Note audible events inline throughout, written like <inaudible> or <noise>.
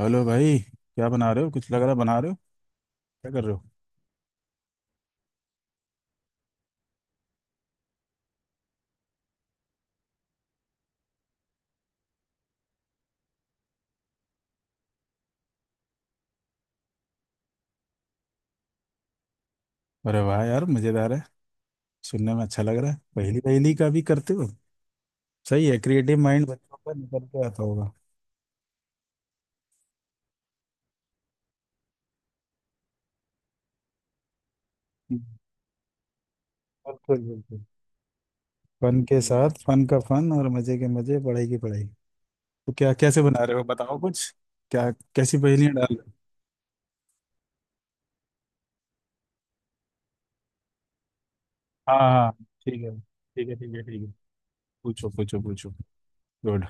Hello भाई। क्या बना रहे हो? कुछ लग रहा है बना रहे हो। क्या कर रहे हो? अरे वाह यार, मजेदार है। सुनने में अच्छा लग रहा है। पहली पहली का भी करते हो? सही है। क्रिएटिव माइंड बच्चों का निकल के आता होगा। हम्म, बिल्कुल बिल्कुल। फन के साथ फन का फन और मजे के मजे, पढ़ाई की पढ़ाई। तो क्या कैसे बना रहे हो, बताओ कुछ? क्या? कैसी पहेलियां डाल रहे हो? हाँ हाँ। ठीक है ठीक है ठीक है ठीक है। पूछो पूछो पूछो। गुड।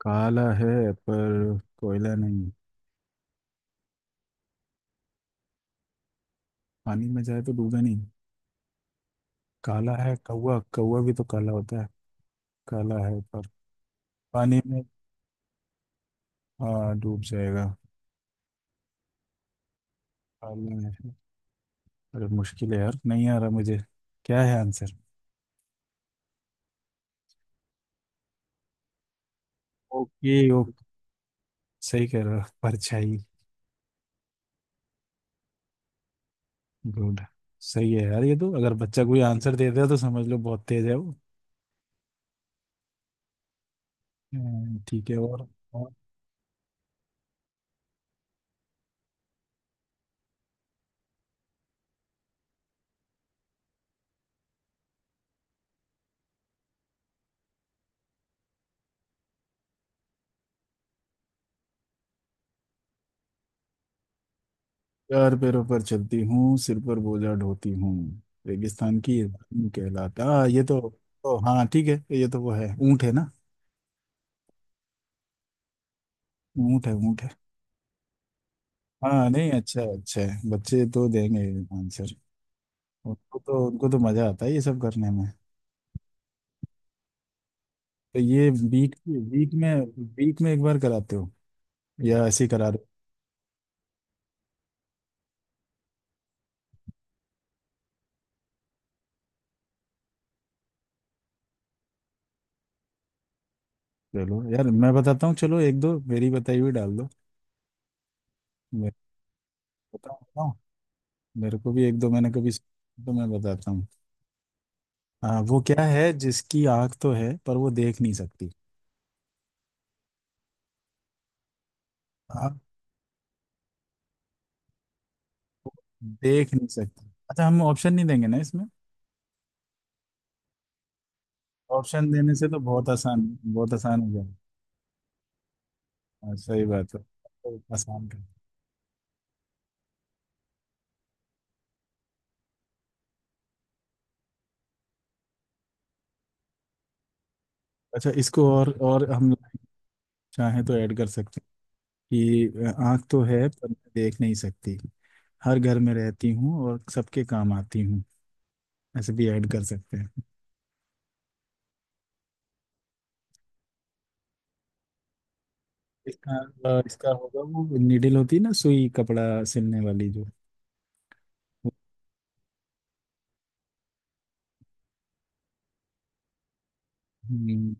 काला है पर कोयला नहीं। पानी में जाए तो डूबे नहीं। काला है, कौवा। कौवा भी तो काला होता है। काला है पर पानी में। हाँ डूब जाएगा। काला है। अरे मुश्किल है यार, नहीं आ रहा मुझे। क्या है आंसर? Okay okay. सही कह रहा, परछाई। गुड। सही है यार। ये तो अगर बच्चा कोई आंसर दे दे तो समझ लो बहुत तेज है वो। ठीक है। और? और। चार पैरों पर चलती हूँ, सिर पर बोझा ढोती हूँ, रेगिस्तान की ये रानी कहलाता, हाँ ये तो। ओ हाँ ठीक है। ये तो वो है, ऊँट है ना। ऊँट है ऊँट है। हाँ, नहीं अच्छा है अच्छा है। बच्चे तो देंगे आंसर। उनको तो मजा आता है ये सब करने में। तो ये वीक वीक में एक बार कराते हो या ऐसे ही करा रहे हो? चलो यार, मैं बताता हूँ। चलो एक दो मेरी बताई हुई डाल दो। मैं बताऊँ? बताऊँ? मेरे को भी एक दो मैंने कभी सुना, तो मैं बताता हूँ। हाँ, वो क्या है जिसकी आंख तो है पर वो देख नहीं सकती? आप देख नहीं सकती? अच्छा हम ऑप्शन नहीं देंगे ना इसमें? ऑप्शन देने से तो बहुत आसान, बहुत आसान हो जाएगा। हाँ, सही बात है। तो आसान कर। अच्छा इसको और हम चाहें तो ऐड कर सकते हैं कि आंख तो है पर मैं देख नहीं सकती। हर घर में रहती हूँ और सबके काम आती हूँ। ऐसे भी ऐड कर सकते हैं। इसका, इसका होगा वो नीडल होती है ना, सुई कपड़ा सिलने वाली जो। हम्म,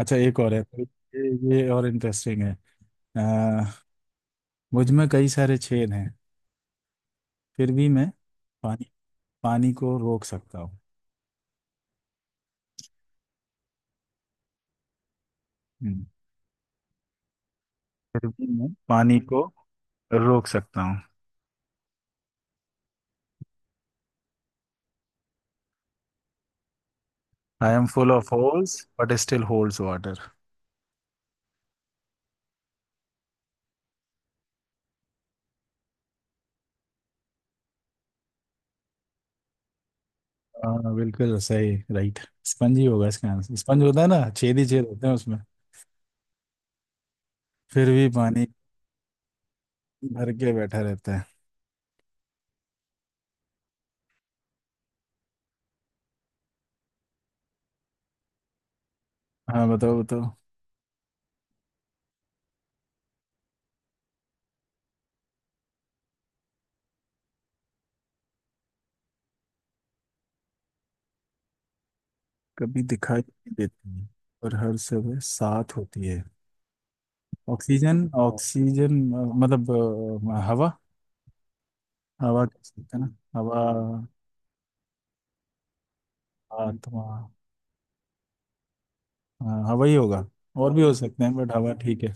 अच्छा एक और है तो ये। ये और इंटरेस्टिंग है। आ, मुझ में कई सारे छेद हैं। फिर भी मैं पानी, पानी को रोक सकता हूँ। हम्म, फिर भी मैं पानी को रोक सकता हूँ। I am full of holes, but still holds water. हाँ बिल्कुल सही, राइट। स्पंज ही होगा इसका आंसर। स्पंज होता है ना, छेद ही छेद होते हैं उसमें। फिर भी पानी भर के बैठा रहता है। हाँ बताओ बताओ। कभी दिखाई नहीं देती है, और हर सुबह साथ होती है। ऑक्सीजन ऑक्सीजन, मतलब, हवा। हवा कह सकते हैं ना, हवा। आत्मा। हाँ, हवा ही होगा। और भी हो सकते हैं, बट हवा ठीक है।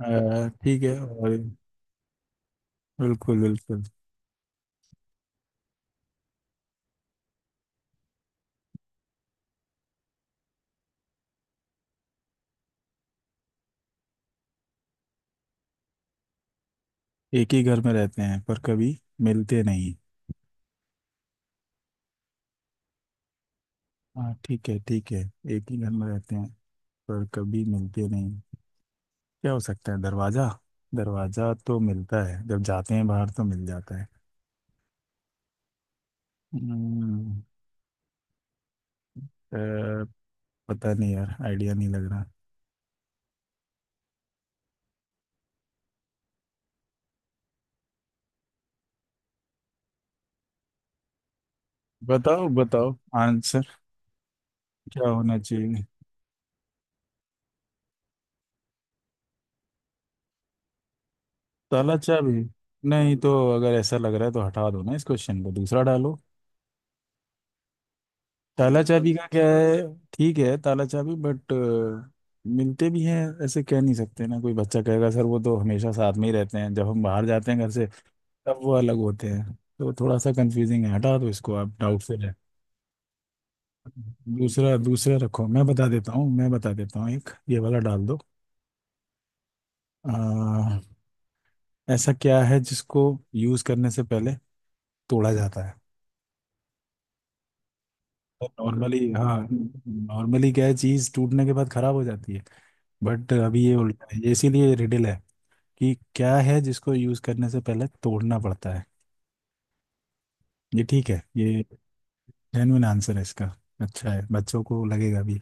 ठीक है और। बिल्कुल बिल्कुल। एक ही घर में रहते हैं पर कभी मिलते नहीं। हाँ ठीक है ठीक है। एक ही घर में रहते हैं पर कभी मिलते नहीं। क्या हो सकता है, दरवाजा? दरवाजा तो मिलता है, जब जाते हैं बाहर तो मिल जाता है। हम्म, अ, पता नहीं यार, आइडिया नहीं लग रहा। बताओ बताओ आंसर। क्या होना चाहिए? ताला चाबी? नहीं तो अगर ऐसा लग रहा है तो हटा दो ना इस क्वेश्चन को, दूसरा डालो। ताला चाबी का क्या है? ठीक है, ताला चाबी बट मिलते भी हैं। ऐसे कह नहीं सकते ना, कोई बच्चा कहेगा सर वो तो हमेशा साथ में ही रहते हैं। जब हम बाहर जाते हैं घर से तब वो अलग होते हैं। तो थोड़ा सा कंफ्यूजिंग है, हटा दो इसको, आप डाउट से रहे। दूसरा दूसरा रखो। मैं बता देता हूँ, मैं बता देता हूँ एक, ये वाला डाल दो। आ, ऐसा क्या है जिसको यूज करने से पहले तोड़ा जाता है? नॉर्मली, हाँ, नॉर्मली क्या है, चीज टूटने के बाद खराब हो जाती है। बट अभी ये उल्टा है, ये इसीलिए रिडल है कि क्या है जिसको यूज करने से पहले तोड़ना पड़ता है। ये ठीक है। ये जेन्युइन आंसर है इसका। अच्छा है, बच्चों को लगेगा भी।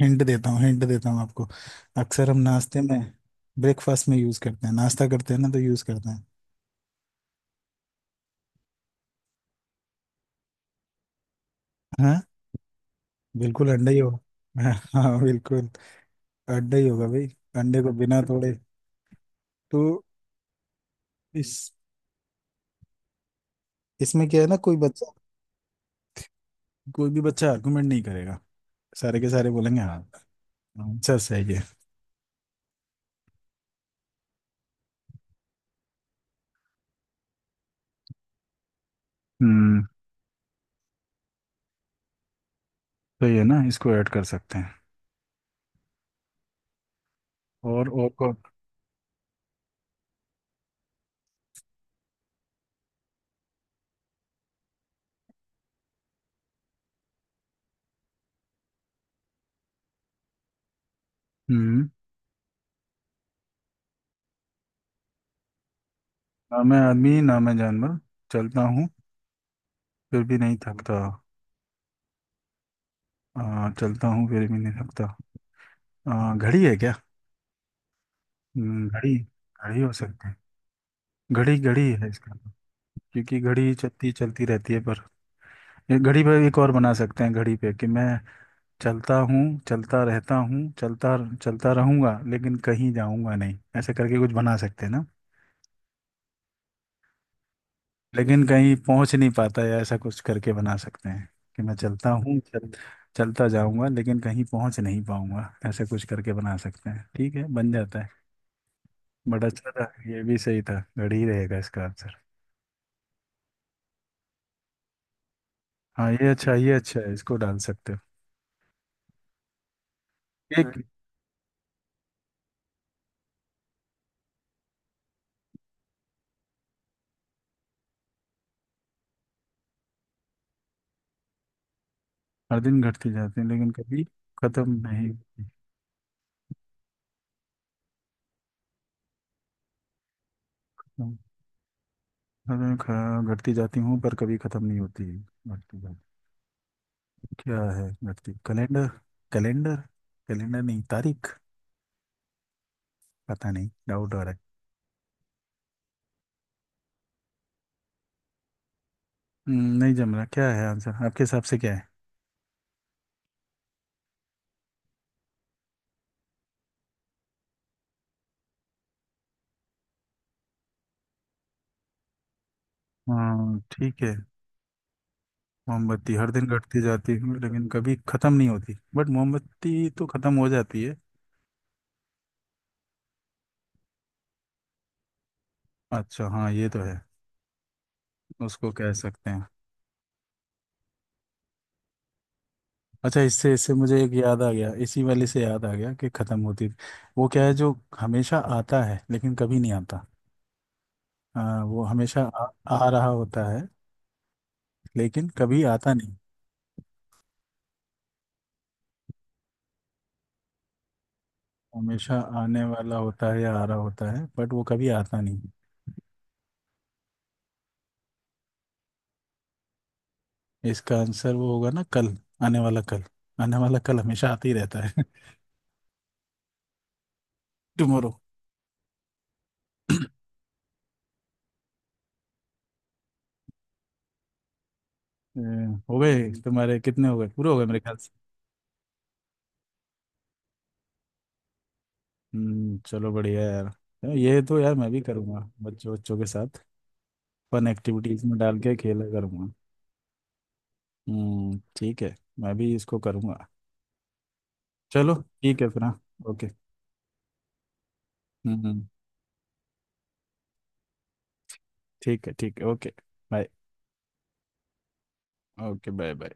हिंट देता हूँ, हिंट देता हूँ आपको। अक्सर हम नाश्ते में, ब्रेकफास्ट में यूज करते हैं, नाश्ता करते हैं ना तो यूज करते हैं। हाँ बिल्कुल अंडा ही होगा। हाँ बिल्कुल अंडा ही होगा भाई। अंडे को बिना तोड़े तो इस इसमें क्या है ना, कोई भी बच्चा आर्गुमेंट नहीं करेगा। सारे के सारे बोलेंगे हाँ। आंसर सही है। हम्म। तो ये ना इसको ऐड कर सकते हैं। और? और कौन? हम्म। ना मैं आदमी ना मैं जानवर, चलता हूँ फिर भी नहीं थकता। चलता हूँ फिर भी नहीं थकता। घड़ी है क्या? घड़ी, घड़ी हो सकती है। घड़ी, घड़ी है इसका, क्योंकि घड़ी चलती चलती रहती है पर। ये घड़ी पे एक और बना सकते हैं। घड़ी पे कि मैं चलता हूँ, चलता रहता हूँ, चलता चलता रहूंगा लेकिन कहीं जाऊंगा नहीं, ऐसे करके कुछ बना सकते हैं ना? लेकिन कहीं पहुंच नहीं पाता, या ऐसा कुछ करके बना सकते हैं कि मैं चलता हूँ, चल चलता जाऊंगा लेकिन कहीं पहुंच नहीं पाऊंगा, ऐसा कुछ करके बना सकते हैं। ठीक है बन जाता है, बट अच्छा था। ये भी सही था। घड़ी रहेगा इसका आंसर। हाँ ये अच्छा, ये अच्छा है, इसको डाल सकते हो। एक हर दिन घटती जाती है लेकिन कभी खत्म नहीं होती। हर दिन घटती जाती हूँ पर कभी खत्म नहीं होती। घटती जाती, क्या है घटती? कैलेंडर? कैलेंडर, कैलेंडर नहीं तारीख। पता नहीं, डाउट हो रहा है। नहीं जम रहा। क्या है आंसर आपके हिसाब से, क्या है? हाँ ठीक है। मोमबत्ती हर दिन घटती जाती है लेकिन कभी ख़त्म नहीं होती, बट मोमबत्ती तो ख़त्म हो जाती है। अच्छा हाँ ये तो है, उसको कह सकते हैं। अच्छा इससे इससे मुझे एक याद आ गया, इसी वाले से याद आ गया कि ख़त्म होती। वो क्या है जो हमेशा आता है लेकिन कभी नहीं आता? वो हमेशा आ रहा होता है लेकिन कभी आता नहीं। हमेशा आने वाला होता है, या आ रहा होता है, बट वो कभी आता नहीं। इसका आंसर वो होगा ना, कल। आने वाला कल। आने वाला कल हमेशा आते ही रहता है। <laughs> टुमारो। हो गए तुम्हारे? कितने हो गए? पूरे हो गए मेरे ख्याल से। चलो बढ़िया है यार। ये तो यार मैं भी करूँगा बच्चों बच्चों के साथ। फन एक्टिविटीज में डाल के खेला करूँगा। ठीक है, मैं भी इसको करूँगा। चलो ठीक है फिर, हाँ। ओके। हम्म, हम्म। ठीक है ठीक है। Okay. Bye. Okay, bye bye.